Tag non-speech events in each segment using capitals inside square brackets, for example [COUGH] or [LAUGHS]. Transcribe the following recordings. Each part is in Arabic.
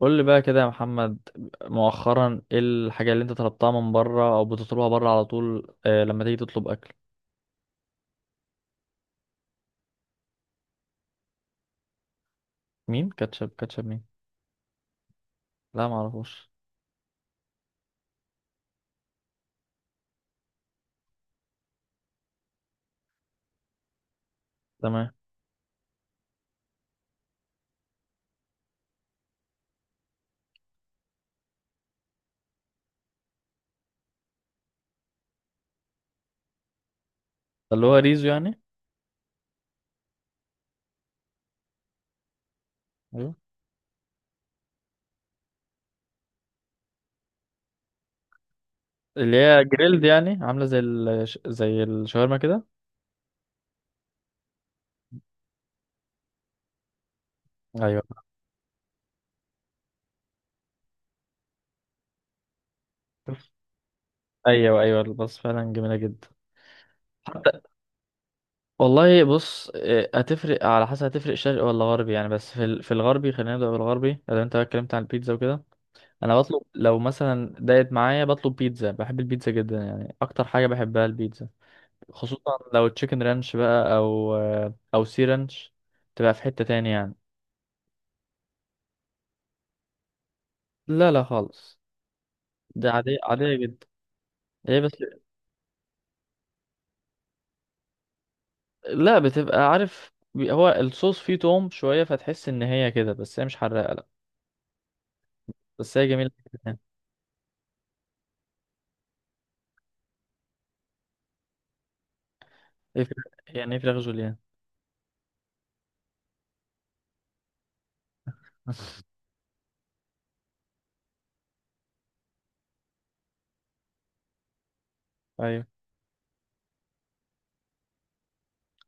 قول لي بقى كده يا محمد، مؤخرا ايه الحاجة اللي انت طلبتها من بره او بتطلبها بره على طول، لما تيجي تطلب اكل؟ مين كاتشب كاتشب مين؟ لا معرفوش. تمام. ده اللي هو ريزو يعني. ايوه. اللي هي جريلد يعني عاملة زي زي الشاورما كده. ايوه ايوه. ايوه بس فعلا جميلة جدا. حتى. والله بص، هتفرق على حسب، هتفرق شرقي ولا غربي يعني. بس في الغربي، خلينا نبدأ بالغربي لو انت بقى اتكلمت عن البيتزا وكده. انا بطلب لو مثلا ضاقت معايا بطلب بيتزا، بحب البيتزا جدا يعني، اكتر حاجه بحبها البيتزا. خصوصا لو تشيكن رانش بقى او سي رانش، تبقى في حته تاني يعني. لا لا خالص. ده عاديه عاديه جدا. هي بس. لا، بتبقى عارف، هو الصوص فيه توم شويه، فتحس ان هي كده، بس هي مش حراقه، لا. بس هي جميله جدا يعني. ايه فراخ؟ يعني إيه فراخ جوليان؟ ايوه.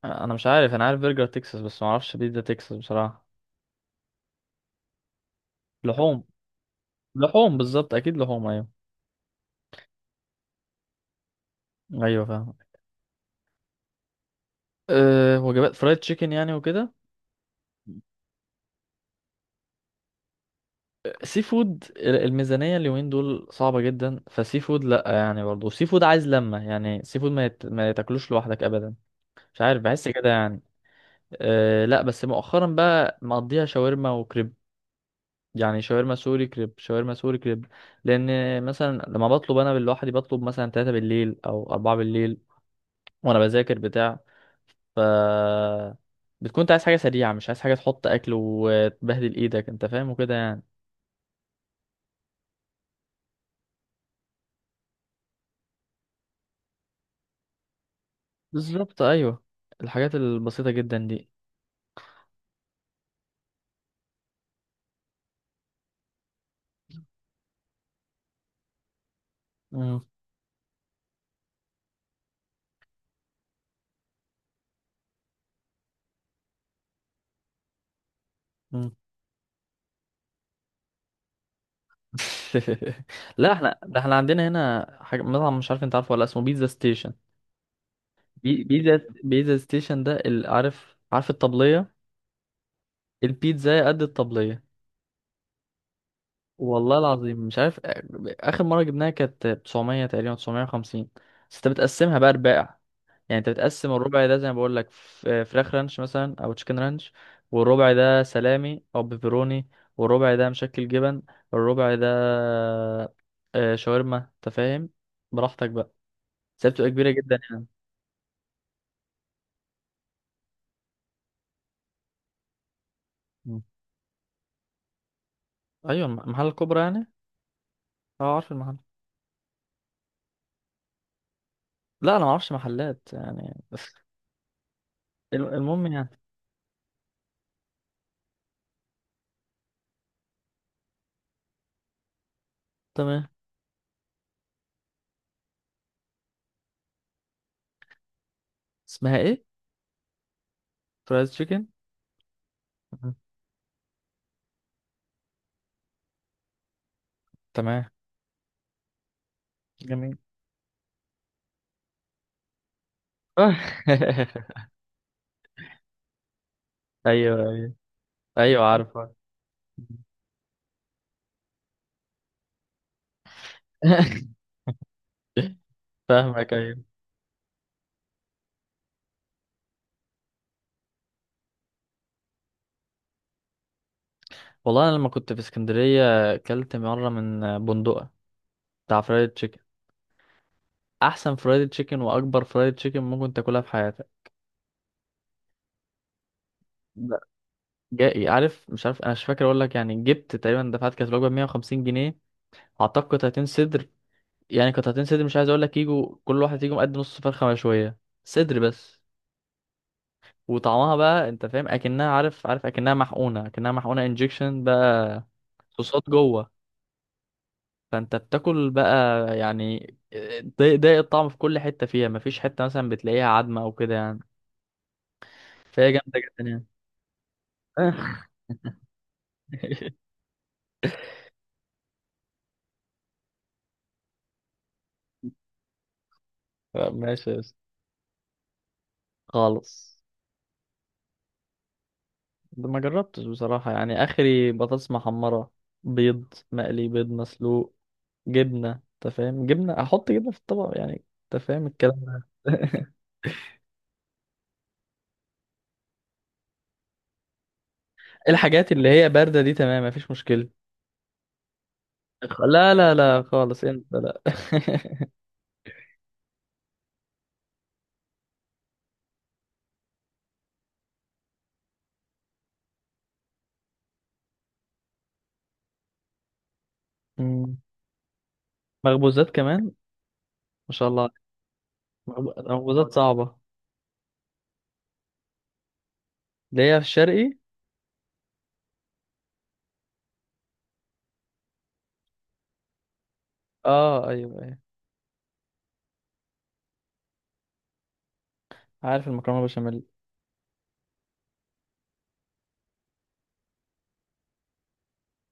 انا مش عارف، انا عارف برجر تكساس بس ما اعرفش بيتزا تكساس بصراحه. لحوم. لحوم بالظبط اكيد لحوم ايوه. ايوه فاهم. أه وجبات فرايد تشيكن يعني وكده. سي فود، الميزانية اليومين دول صعبة جدا، فسي فود لأ يعني، برضه سي فود عايز لمة يعني، سي فود ما يتاكلوش لوحدك أبدا. مش عارف، بحس كده يعني. أه لأ، بس مؤخرا بقى مقضيها شاورما وكريب. يعني شاورما سوري كريب، شاورما سوري كريب. لأن مثلا لما بطلب أنا لوحدي، بطلب مثلا 3 بالليل أو 4 بالليل وأنا بذاكر بتاع. ف بتكون انت عايز حاجة سريعة، مش عايز حاجة تحط أكل وتبهدل إيدك، أنت فاهم وكده يعني. بالظبط ايوه. الحاجات البسيطة جدا دي. مم. مم. [LAUGHS] لا احنا، ده احنا عندنا هنا حاجة مطعم، مش عارف انت عارفه ولا، اسمه بيتزا ستيشن. بي... بيتزا بيتزا ستيشن ده، عارف عارف الطبلية؟ البيتزا قد الطبلية. والله العظيم مش عارف. آخر مرة جبناها كانت 900 تقريبا، 950. بس انت بتقسمها بقى رباع. يعني انت بتقسم الربع ده زي ما بقول لك، فراخ رانش مثلا او تشيكن رانش، والربع ده سلامي او بيبروني، والربع ده مشكل جبن، الربع ده شاورما، انت فاهم. براحتك بقى. بس هي بتبقى كبيره جدا يعني. مم. ايوه المحل الكبرى يعني. اه عارف المحل. لا انا ما اعرفش محلات يعني [LAUGHS] بس. المهم يعني. تمام. اسمها ايه؟ فرايز تشيكن. مم. تمام. جميل. [LAUGHS] ايوه ايوه ايوه عارفه. [LAUGHS] فاهمك ايوه. والله انا لما كنت في اسكندريه اكلت مره من بندقه، بتاع فرايد تشيكن، احسن فرايد تشيكن واكبر فرايد تشيكن ممكن تاكلها في حياتك. لا. جاي عارف، مش عارف، انا مش فاكر اقول لك يعني، جبت تقريبا، دفعت كانت الوجبه 150 جنيه. اعتقد قطعتين صدر. يعني قطعتين صدر، مش عايز اقول لك، يجوا كل واحد يجوا قد نص فرخه مشويه. صدر بس. وطعمها بقى انت فاهم، اكنها، عارف عارف، اكنها محقونه، اكنها محقونه انجكشن بقى، صوصات جوه. فانت بتاكل بقى، يعني ضايق ضايق الطعم في كل حته فيها، مفيش حته مثلا بتلاقيها عدمه او كده يعني. فهي جامده جدا يعني. [LAUGHS] لا، ماشي يا اسطى. خالص. ده ما جربتش بصراحه، يعني اخري بطاطس محمره، بيض مقلي، بيض مسلوق، جبنه، انت فاهم، جبنه، احط جبنه في الطبق يعني. انت فاهم الكلام ده. [LAUGHS] الحاجات اللي هي بارده دي تمام مفيش مشكله. لا لا لا خالص، انت لا. [LAUGHS] مم. مخبوزات كمان؟ ما شاء الله. مخبوزات صعبة. اللي هي في الشرقي. اه ايوه ايوه عارف المكرونة بشاميل.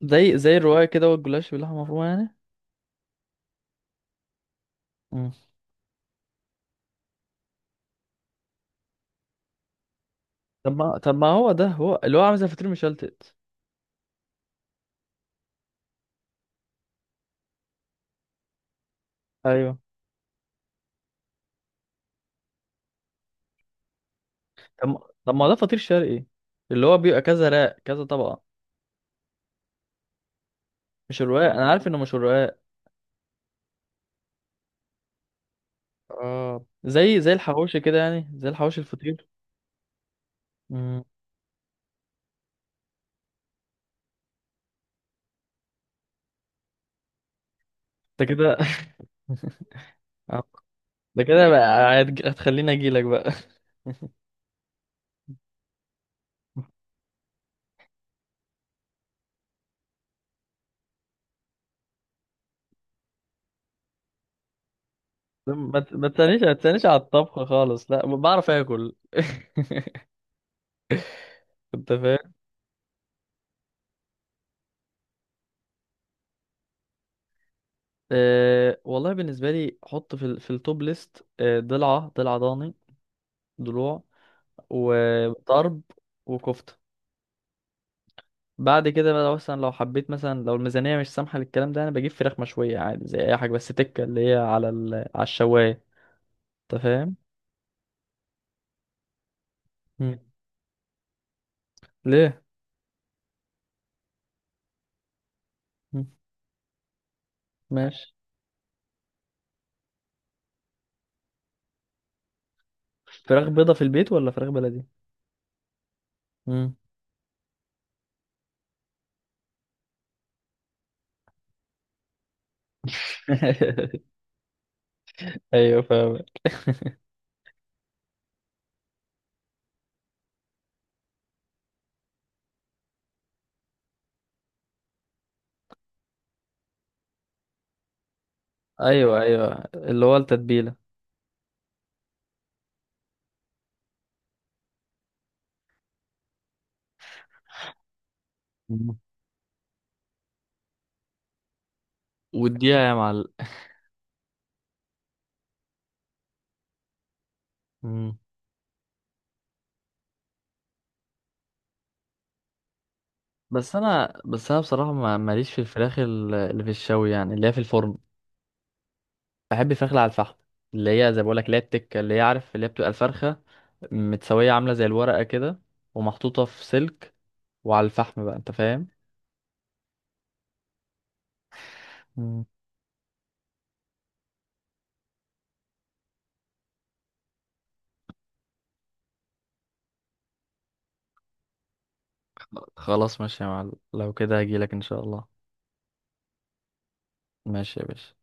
زي الرواية كده، والجلاش باللحمة مفرومة يعني. مم. طب ما هو ده، هو اللي هو عامل زي فطير مشلتت. ايوه. طب ما طب ما هو ده فطير شرقي، اللي هو بيبقى كذا راق كذا طبقة. مش الرقاق، انا عارف انه مش الرقاق. اه زي الحواوشي كده يعني، زي الحواوشي الفطير. مم. ده كده. [LAUGHS] آه. ده كده بقى هتخليني اجيلك بقى. [LAUGHS] ما تسألنيش، ما تسألنيش على الطبخ خالص، لا بعرف اكل. [LAUGHS] انت فاهم. أه والله، بالنسبه لي، حط في التوب ليست ضلع ضاني، ضلوع، وطرب، وكفته. بعد كده بقى لو مثلا، لو حبيت مثلا، لو الميزانيه مش سامحه للكلام ده، انا بجيب فراخ مشويه عادي زي اي حاجه، بس تكه اللي هي على الشوايه. انت فاهم. مم. ليه؟ مم. ماشي. فراخ بيضه في البيت ولا فراخ بلدي؟ مم. [LAUGHS] ايوه فاهم. ايوه ايوه اللي هو التتبيله. مم. واديها يا معلم. بس انا بصراحه ماليش في الفراخ اللي في الشوي، يعني اللي هي في الفرن. بحب الفراخ اللي على الفحم، اللي هي زي ما بقول لك، اللي هي التكه، اللي هي عارف، اللي هي بتبقى الفرخه متسويه عامله زي الورقه كده، ومحطوطه في سلك، وعلى الفحم بقى انت فاهم. مم. خلاص ماشي يا معلم، لو كده هجيلك ان شاء الله. ماشي يا باشا.